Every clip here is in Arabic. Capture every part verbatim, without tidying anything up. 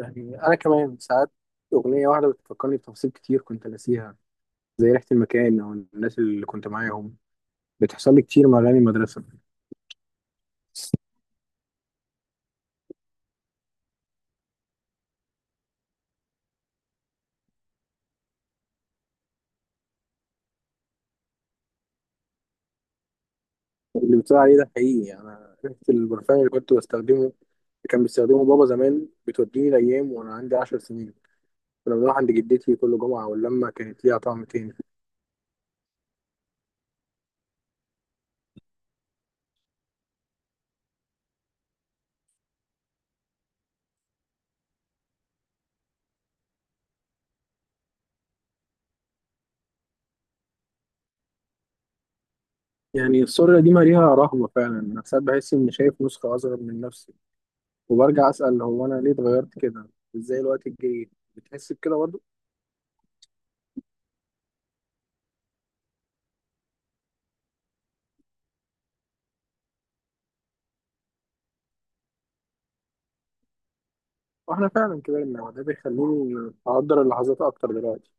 يعني أنا كمان ساعات أغنية واحدة بتفكرني بتفاصيل كتير كنت ناسيها، زي ريحة المكان أو الناس اللي كنت معاهم. بتحصل لي كتير مع أغاني المدرسة. اللي بتقول عليه ده حقيقي، يعني أنا ريحة البرفان اللي كنت بستخدمه كان بيستخدمه بابا زمان بتوديني الأيام وأنا عندي عشر سنين. كنا بنروح عند جدتي كل جمعة واللمة كانت ليها طعم تاني. يعني السوريا دي مليها رهبة فعلا، أنا ساعات بحس إني شايف نسخة أصغر من نفسي وبرجع أسأل هو أنا ليه اتغيرت كده؟ إزاي الوقت الجري بتحس بكده؟ واحنا فعلا كبرنا، وده بيخليني اقدر اللحظات اكتر دلوقتي.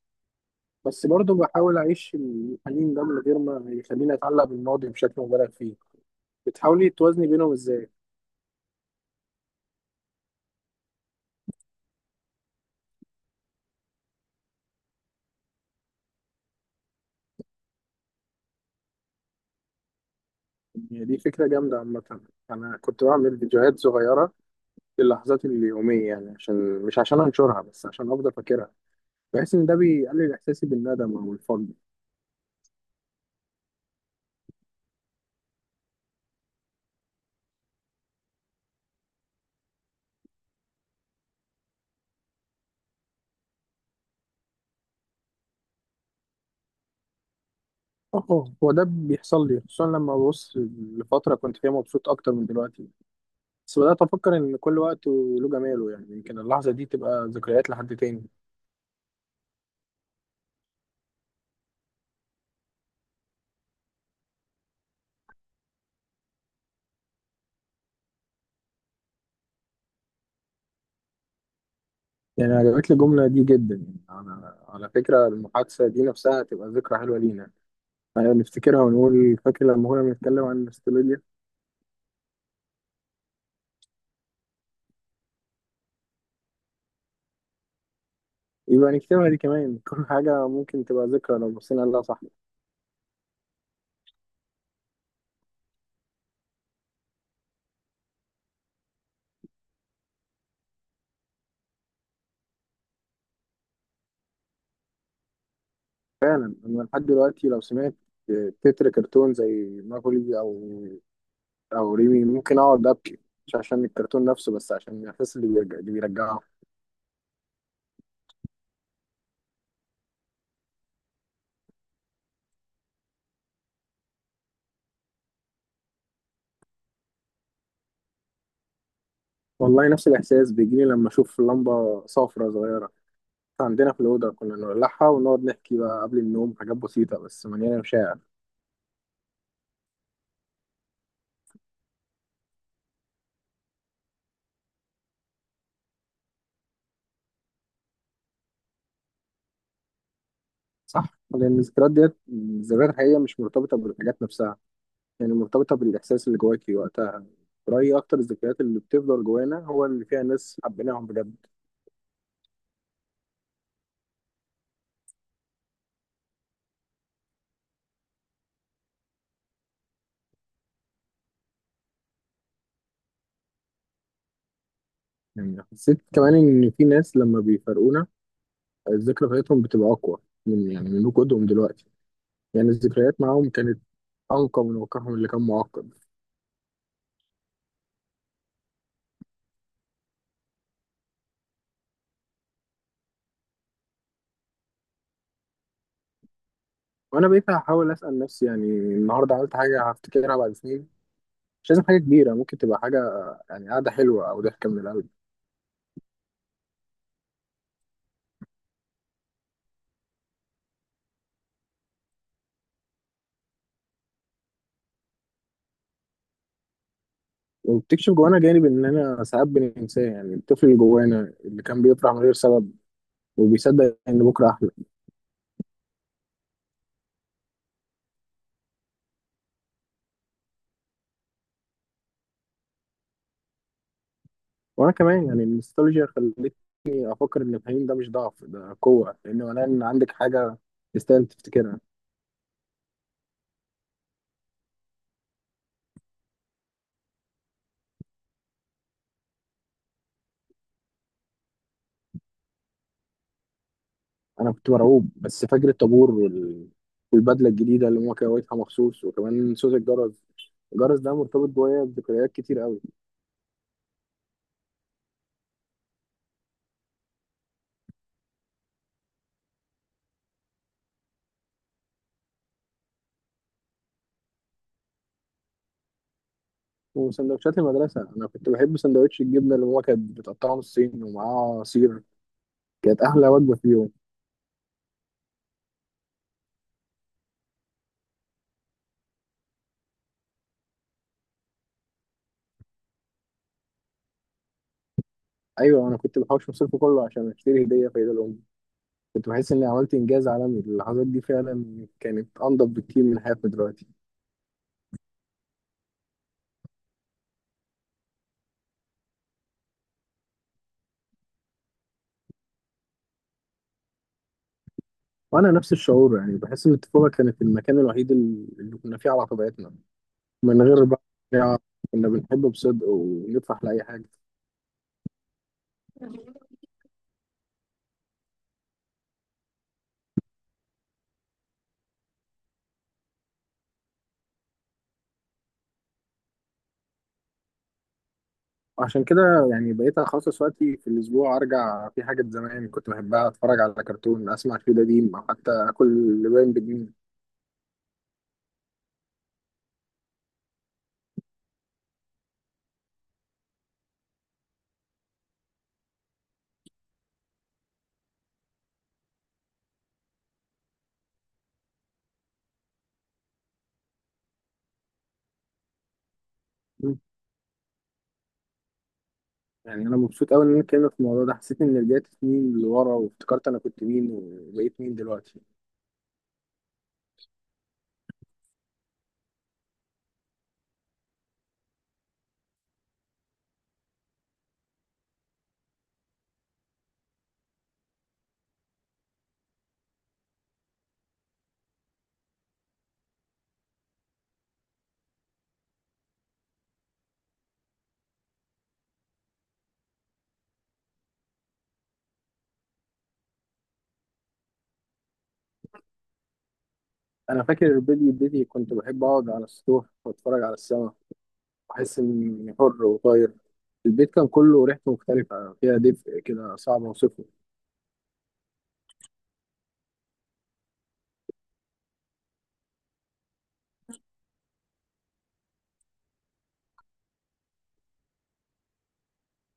بس برضه بحاول اعيش الحنين ده من غير ما يخليني اتعلق بالماضي بشكل مبالغ فيه. بتحاولي توازني بينهم ازاي؟ يعني دي فكرة جامدة عامة. انا كنت بعمل فيديوهات صغيرة للحظات اليومية، يعني عشان مش عشان انشرها، بس عشان افضل فاكرها. بحس ان ده بيقلل احساسي بالندم او الفقد. اه، هو ده بيحصل لي خصوصا لما ببص لفترة كنت فيها مبسوط اكتر من دلوقتي. بس بدأت أفكر إن كل وقت وله جماله، يعني يمكن اللحظة دي تبقى ذكريات لحد تاني. يعني عجبتني الجملة دي جدا. يعني أنا على فكرة المحادثة دي نفسها تبقى ذكرى حلوة لينا، يعني نفتكرها ونقول فاكر لما كنا بنتكلم عن النوستالجيا. يبقى نكتبها دي كمان. كل حاجة ممكن تبقى ذكرى لو بصينا لها صح. فعلا أنا لحد دلوقتي لو سمعت تتر كرتون زي ماكولي أو أو ريمي ممكن أقعد أبكي، مش عشان الكرتون نفسه بس عشان الإحساس اللي بيرجع- اللي بيرجعه. والله نفس الإحساس بيجيلي لما أشوف لمبة صفرة صغيرة عندنا في الأوضة كنا نولعها ونقعد نحكي بقى قبل النوم حاجات بسيطة بس مليانة مشاعر. صح؟ لأن الذكريات ديت الذكريات الحقيقية مش مرتبطة بالحاجات نفسها، يعني مرتبطة بالإحساس اللي جواكي وقتها. رأيي أكتر الذكريات اللي بتفضل جوانا هو اللي فيها ناس حبيناهم بجد. يعني حسيت كمان إن في ناس لما بيفارقونا الذكرى بتاعتهم بتبقى أقوى من يعني من وجودهم دلوقتي. يعني الذكريات معاهم كانت أنقى من واقعهم اللي كان معقد. وانا بقيت هحاول اسال نفسي، يعني النهارده عملت حاجه هفتكرها بعد سنين؟ مش لازم حاجه كبيره، ممكن تبقى حاجه، يعني قاعده حلوه او ضحكه من القلب. وبتكشف جوانا جانب اننا ساعات بننساه، يعني الطفل اللي جوانا اللي كان بيفرح من غير سبب وبيصدق ان بكره احلى. وانا كمان يعني النوستالجيا خلتني افكر ان الحنين ده مش ضعف، ده قوه، لان معناه ان عندك حاجه تستاهل تفتكرها. انا كنت مرعوب، بس فاكر الطابور وال... والبدله الجديده اللي ماما كويتها مخصوص، وكمان صوت الجرس. الجرس ده مرتبط جوايا بذكريات كتير قوي. وسندوتشات المدرسة، أنا كنت بحب سندوتش الجبنة اللي ماما كانت بتقطعه نصين ومعاه عصير. كانت أحلى وجبة في اليوم. أيوة، أنا كنت بحوش مصروفي كله عشان أشتري هدية في عيد الأم. كنت بحس إني عملت إنجاز عالمي. اللحظات دي فعلا كانت أنضف بكتير من حياتنا دلوقتي. وأنا نفس الشعور، يعني بحس إن الطفولة كانت المكان الوحيد اللي اللي كنا فيه على طبيعتنا، من غير بقى، يعني كنا بنحب بصدق ونفرح لأي حاجة. عشان كده يعني بقيت اخصص وقتي في الاسبوع ارجع في حاجه زمان كنت بحبها، اتفرج على كرتون، اسمع فيه قديم، او حتى اكل لبان بجنيه. مم. يعني انا مبسوط قوي ان انا اتكلمت في الموضوع ده، حسيت ان رجعت سنين لورا وافتكرت انا كنت مين وبقيت مين دلوقتي. انا فاكر بدري بدري كنت بحب اقعد على السطوح واتفرج على السما واحس اني حر وطاير. البيت كان كله ريحته مختلفه فيها دفء كده صعب اوصفه.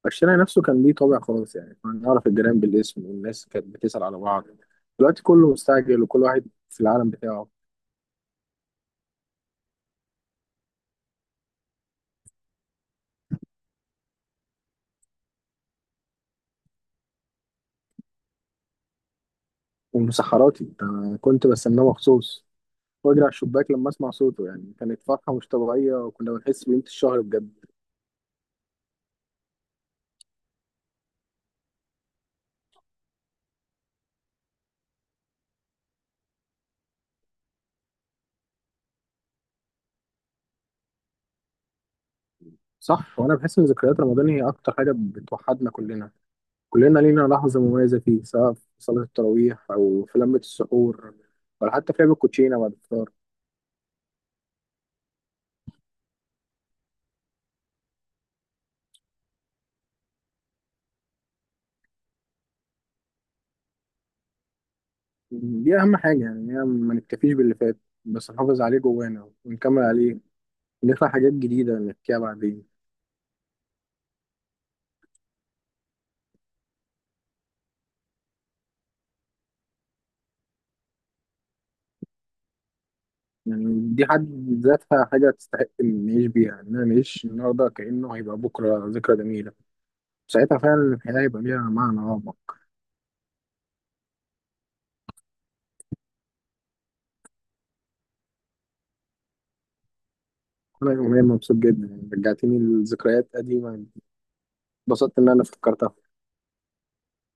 الشارع نفسه كان ليه طابع خلاص، يعني كنا نعرف الجيران بالاسم والناس كانت بتسأل على بعض. دلوقتي كله مستعجل وكل واحد في العالم بتاعه. ومسحراتي أنا كنت بستناه مخصوص واجري على الشباك لما اسمع صوته، يعني كانت فرحة مش طبيعية وكنا بنحس بقيمة الشهر بجد. صح، وانا بحس ان ذكريات رمضان هي اكتر حاجة بتوحدنا كلنا. كلنا لينا لحظة مميزة فيه، سواء في صلاة التراويح او في لمة السحور، ولا حتى في لعب الكوتشينة بعد الفطار. دي أهم حاجة، يعني هي ما نكتفيش باللي فات، بس نحافظ عليه جوانا ونكمل عليه ونخلق حاجات جديدة نحكيها بعدين. يعني دي حد ذاتها حاجة تستحق إن نعيش بيها، إن أنا نعيش النهاردة كأنه هيبقى بكرة ذكرى جميلة. ساعتها فعلا الحياة هيبقى ليها معنى أعمق. أنا يوميا مبسوط جدا، يعني رجعتني لذكريات قديمة، اتبسطت إن أنا فكرتها.